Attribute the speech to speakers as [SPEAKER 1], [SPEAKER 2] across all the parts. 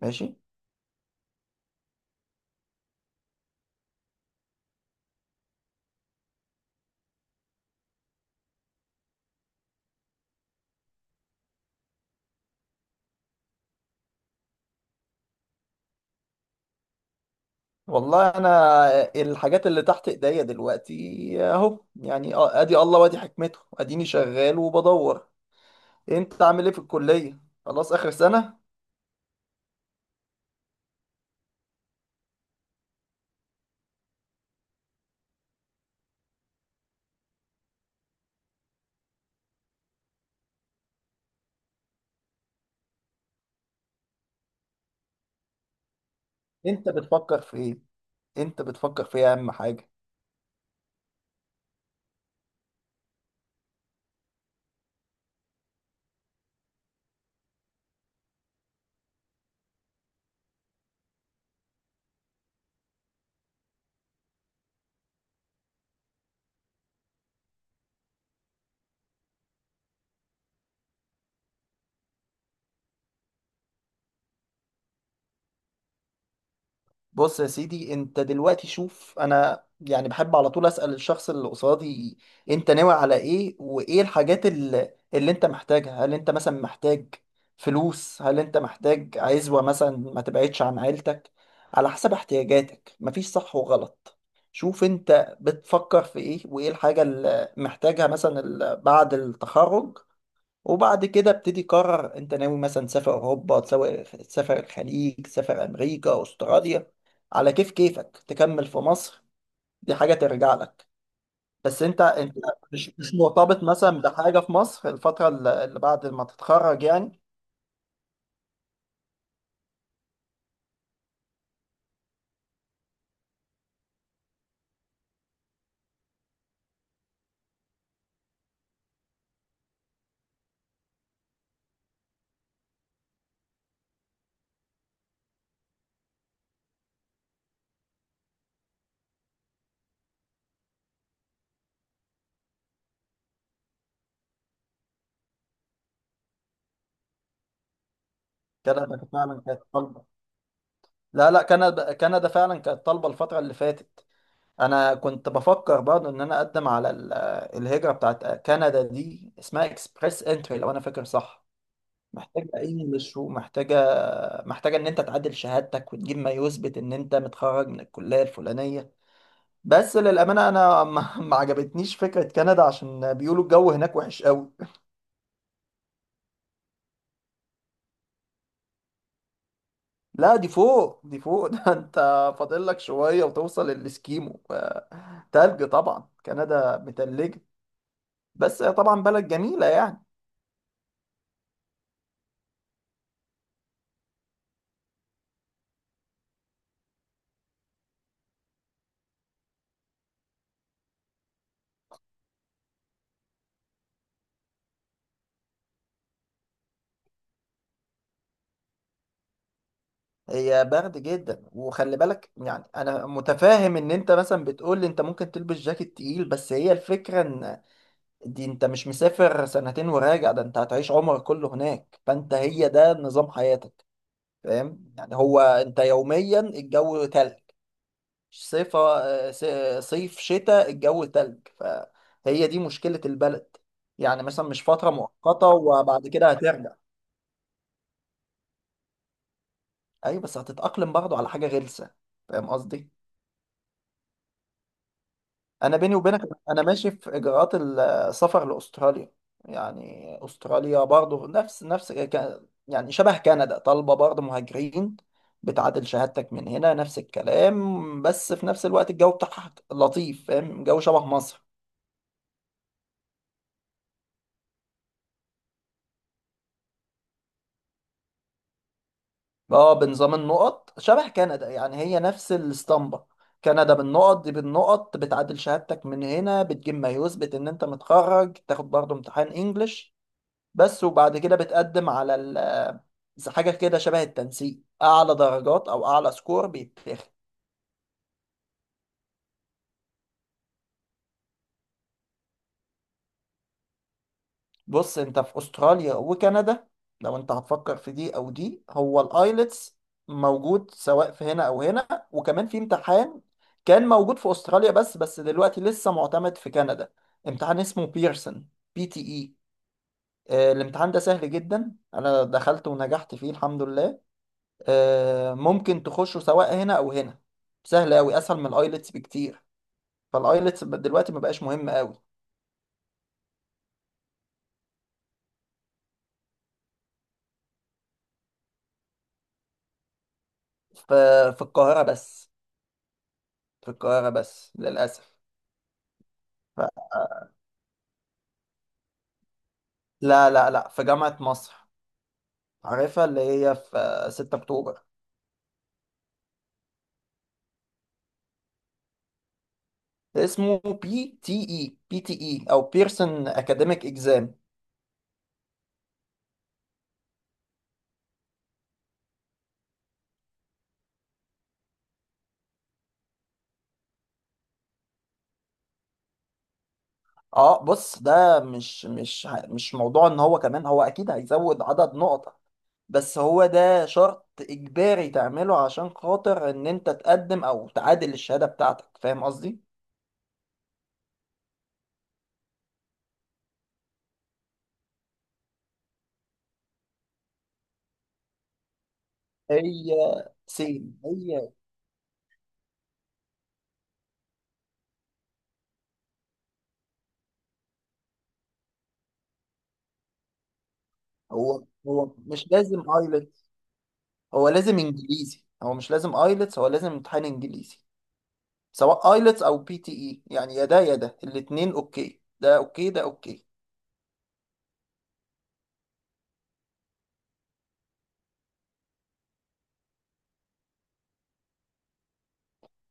[SPEAKER 1] ماشي. والله انا الحاجات اللي تحت ايديا دلوقتي اهو، يعني ادي الله وادي حكمته، اديني شغال وبدور. انت عامل ايه في الكلية؟ خلاص اخر سنة؟ انت بتفكر في ايه؟ انت بتفكر في ايه اهم حاجة؟ بص يا سيدي، انت دلوقتي شوف، انا يعني بحب على طول اسأل الشخص اللي قصادي، انت ناوي على ايه وايه الحاجات اللي انت محتاجها؟ هل انت مثلا محتاج فلوس؟ هل انت محتاج عزوة مثلا ما تبعدش عن عيلتك؟ على حسب احتياجاتك، مفيش صح وغلط. شوف انت بتفكر في ايه وايه الحاجة اللي محتاجها مثلا بعد التخرج، وبعد كده ابتدي قرر انت ناوي مثلا تسافر اوروبا، تسافر، تسافر الخليج، تسافر امريكا، استراليا، على كيف كيفك، تكمل في مصر. دي حاجة ترجع لك. بس انت مش مرتبط مثلا بحاجة في مصر الفترة اللي بعد ما تتخرج يعني؟ كندا كانت فعلا كانت طالبة. لا لا، كندا فعلا كانت طالبة الفترة اللي فاتت. انا كنت بفكر برضه ان انا اقدم على الهجرة بتاعت كندا دي، اسمها اكسبريس انتري لو انا فاكر صح. محتاجة أي مشروع، محتاجة، محتاجة إن أنت تعدل شهادتك وتجيب ما يثبت إن أنت متخرج من الكلية الفلانية. بس للأمانة أنا ما عجبتنيش فكرة كندا، عشان بيقولوا الجو هناك وحش قوي. لا، دي فوق، دي فوق ده أنت فاضل لك شوية وتوصل للإسكيمو. تلج طبعا، كندا متلجة. بس هي طبعا بلد جميلة يعني. هي برد جدا، وخلي بالك يعني انا متفاهم ان انت مثلا بتقول لي انت ممكن تلبس جاكيت تقيل، بس هي الفكره ان دي انت مش مسافر سنتين وراجع، ده انت هتعيش عمرك كله هناك، فانت هي ده نظام حياتك. فاهم يعني، هو انت يوميا الجو تلج. صيف، صيف شتاء، الجو تلج. فهي دي مشكلة البلد، يعني مثلا مش فترة مؤقتة وبعد كده هترجع. ايوه بس هتتأقلم برضه على حاجة غلسة، فاهم قصدي؟ انا بيني وبينك انا ماشي في اجراءات السفر لاستراليا. يعني استراليا برضو يعني شبه كندا، طالبه برضو مهاجرين، بتعادل شهادتك من هنا نفس الكلام، بس في نفس الوقت الجو بتاعها لطيف، فاهم؟ جو شبه مصر. اه، بنظام النقط شبه كندا، يعني هي نفس الاسطمبة. كندا بالنقط دي، بالنقط بتعادل شهادتك من هنا، بتجيب ما يثبت ان انت متخرج، تاخد برضو امتحان انجلش بس، وبعد كده بتقدم على زي حاجة كده شبه التنسيق، أعلى درجات أو أعلى سكور بيتاخد. بص، أنت في أستراليا وكندا لو أنت هتفكر في دي أو دي، هو الآيلتس موجود سواء في هنا أو هنا، وكمان في امتحان كان موجود في أستراليا بس، دلوقتي لسه معتمد في كندا، امتحان اسمه بيرسون، بي تي إي. الامتحان ده سهل جدا، أنا دخلت ونجحت فيه الحمد لله. ممكن تخشه سواء هنا او هنا، سهل قوي، اسهل من الايلتس بكتير. فالايلتس دلوقتي ما بقاش مهم قوي. ف- في القاهره بس، في القاهره بس للاسف. ف- لا لا لا، في جامعه مصر، عارفها اللي هي في 6 اكتوبر. اسمه بي تي اي، بي تي اي او بيرسون اكاديميك اكزام. اه بص، ده مش موضوع ان هو كمان، هو اكيد هيزود عدد نقط، بس هو ده شرط إجباري تعمله عشان خاطر إن أنت تقدم أو تعادل الشهادة بتاعتك، فاهم قصدي؟ هي سيم. هي هو مش لازم ايلتس، هو لازم إنجليزي، هو مش لازم ايلتس، هو لازم امتحان إنجليزي، سواء ايلتس أو بي تي إي، يعني يا ده يا ده، الاتنين أوكي، ده أوكي، ده أوكي.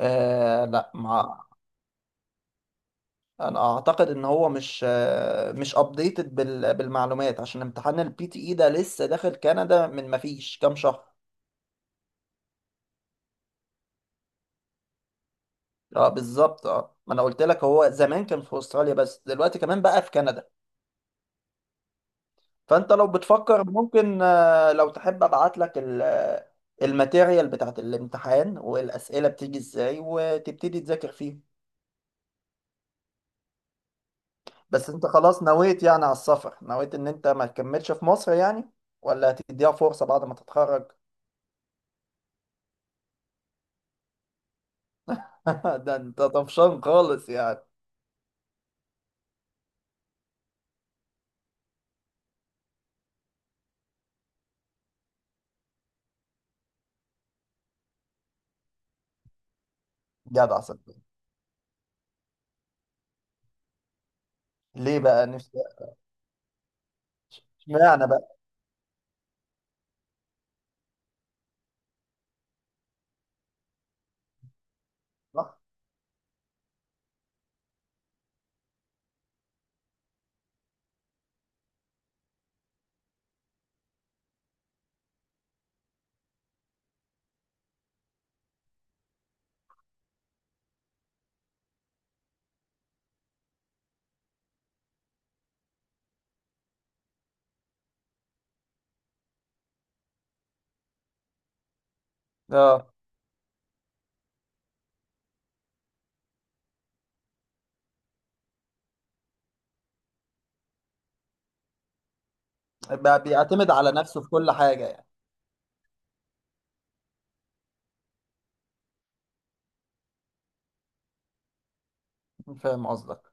[SPEAKER 1] آه لا، مع انا اعتقد ان هو مش مش ابديتد بال... بالمعلومات، عشان امتحان البي تي اي ده لسه داخل كندا من ما فيش كام شهر. اه بالظبط، اه ما انا قلت لك هو زمان كان في استراليا بس، دلوقتي كمان بقى في كندا. فانت لو بتفكر ممكن، لو تحب ابعت لك الماتيريال بتاعت الامتحان والاسئله بتيجي ازاي، وتبتدي تذاكر فيهم. بس انت خلاص نويت يعني على السفر، نويت ان انت ما تكملش في مصر يعني، ولا هتديها فرصه بعد ما تتخرج؟ ده انت طفشان خالص يعني. جدع صدقني. ليه بقى نفسي؟ اشمعنى بقى؟ صح. اه، بقى بيعتمد على نفسه في كل حاجه يعني. فاهم قصدك.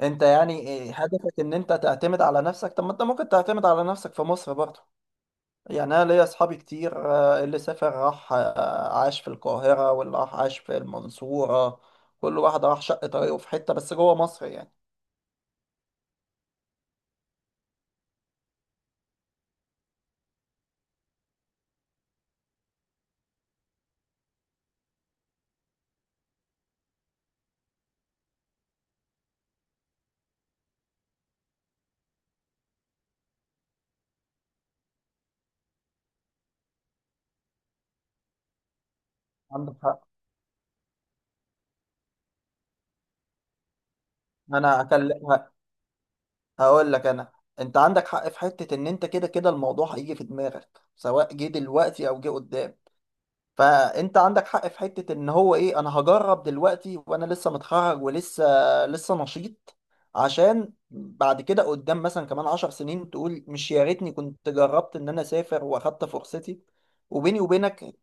[SPEAKER 1] انت يعني إيه هدفك ان انت تعتمد على نفسك؟ طب ما انت ممكن تعتمد على نفسك في مصر برضه. يعني انا ليا اصحابي كتير، اللي سافر راح، عاش في القاهرة، واللي راح عاش في المنصورة، كل واحد راح شق طريقه في حتة بس جوه مصر يعني. عندك حق. انا هكلمك، هقول لك انا. انت عندك حق في حتة ان انت كده كده الموضوع هيجي في دماغك، سواء جه دلوقتي او جه قدام. فانت عندك حق في حتة ان هو ايه، انا هجرب دلوقتي وانا لسه متخرج، ولسه نشيط، عشان بعد كده قدام مثلا كمان 10 سنين تقول مش يا ريتني كنت جربت ان انا اسافر واخدت فرصتي. وبيني وبينك،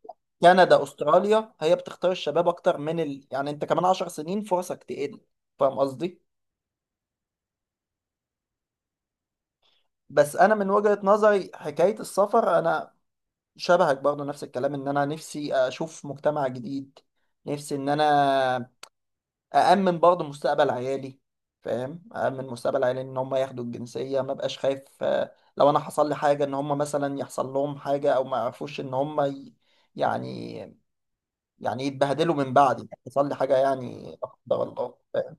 [SPEAKER 1] كندا استراليا هي بتختار الشباب اكتر من ال... يعني انت كمان 10 سنين فرصك تقل، فاهم قصدي؟ بس انا من وجهة نظري حكاية السفر، انا شبهك برضه نفس الكلام، ان انا نفسي اشوف مجتمع جديد، نفسي ان انا أأمن برضه مستقبل عيالي، فاهم؟ أأمن مستقبل عيالي إن هم ياخدوا الجنسية، ما بقاش خايف لو أنا حصل لي حاجة إن هم مثلا يحصل لهم حاجة أو ما يعرفوش إن هم ي... يعني، يعني يتبهدلوا من بعدي، حصل لي حاجة يعني لا قدر الله، فاهم؟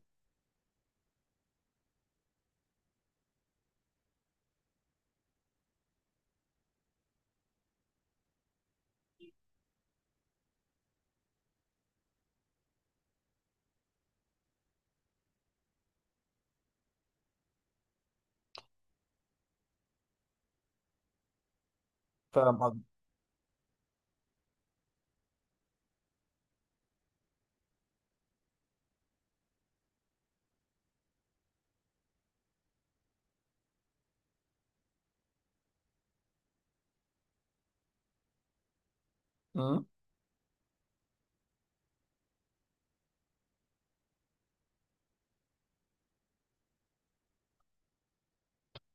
[SPEAKER 1] فاهم قصدي؟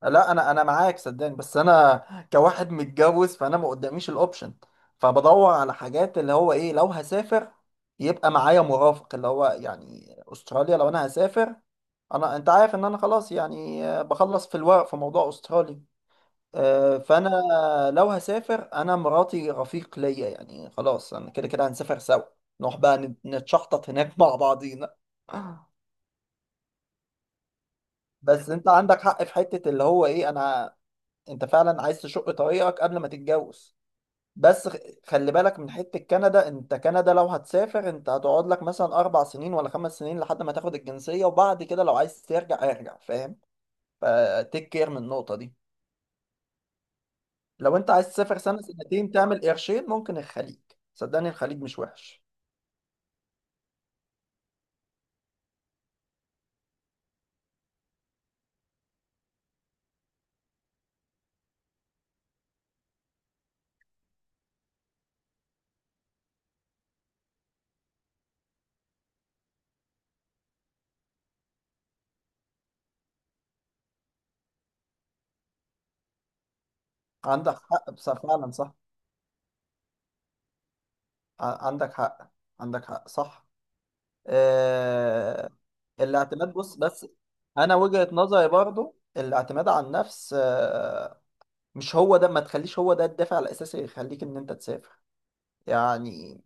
[SPEAKER 1] لا انا معاك صدقني، بس انا كواحد متجوز فانا ما قداميش الاوبشن، فبدور على حاجات اللي هو ايه لو هسافر يبقى معايا مرافق، اللي هو يعني استراليا لو انا هسافر، انا انت عارف ان انا خلاص يعني، بخلص في الورق في موضوع استراليا. فانا لو هسافر انا مراتي رفيق ليا يعني، خلاص انا كده كده هنسافر سوا، نروح بقى نتشحطط هناك مع بعضينا. بس انت عندك حق في حتة اللي هو ايه، انا انت فعلا عايز تشق طريقك قبل ما تتجوز. بس خلي بالك من حتة كندا، انت كندا لو هتسافر انت هتقعد لك مثلا 4 سنين ولا 5 سنين لحد ما تاخد الجنسية، وبعد كده لو عايز ترجع ارجع، فاهم؟ فتيك كير من النقطة دي. لو انت عايز تسافر سنة سنتين تعمل قرشين ممكن الخليج، صدقني الخليج مش وحش. عندك حق بس فعلا صح، عندك حق، عندك حق صح. اه... الاعتماد، بص بس انا وجهة نظري برضو الاعتماد على النفس مش هو ده، ما تخليش هو ده الدافع الاساسي اللي يخليك ان انت تسافر، يعني.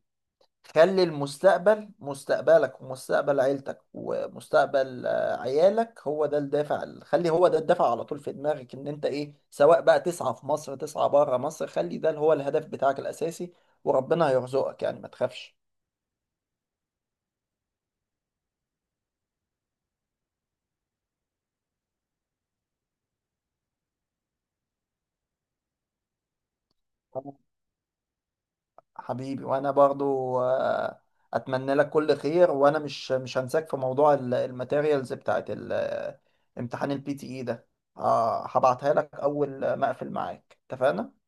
[SPEAKER 1] خلي المستقبل، مستقبلك ومستقبل عيلتك ومستقبل عيالك، هو ده الدافع، خلي هو ده الدافع على طول في دماغك ان انت ايه، سواء بقى تسعى في مصر تسعى بره مصر، خلي ده هو الهدف بتاعك الاساسي، وربنا هيرزقك يعني ما تخافش. حبيبي، وانا برضو اتمنى لك كل خير، وانا مش هنساك في موضوع الماتيريالز بتاعت امتحان البي تي اي ده، هبعتها لك اول ما اقفل معاك، اتفقنا؟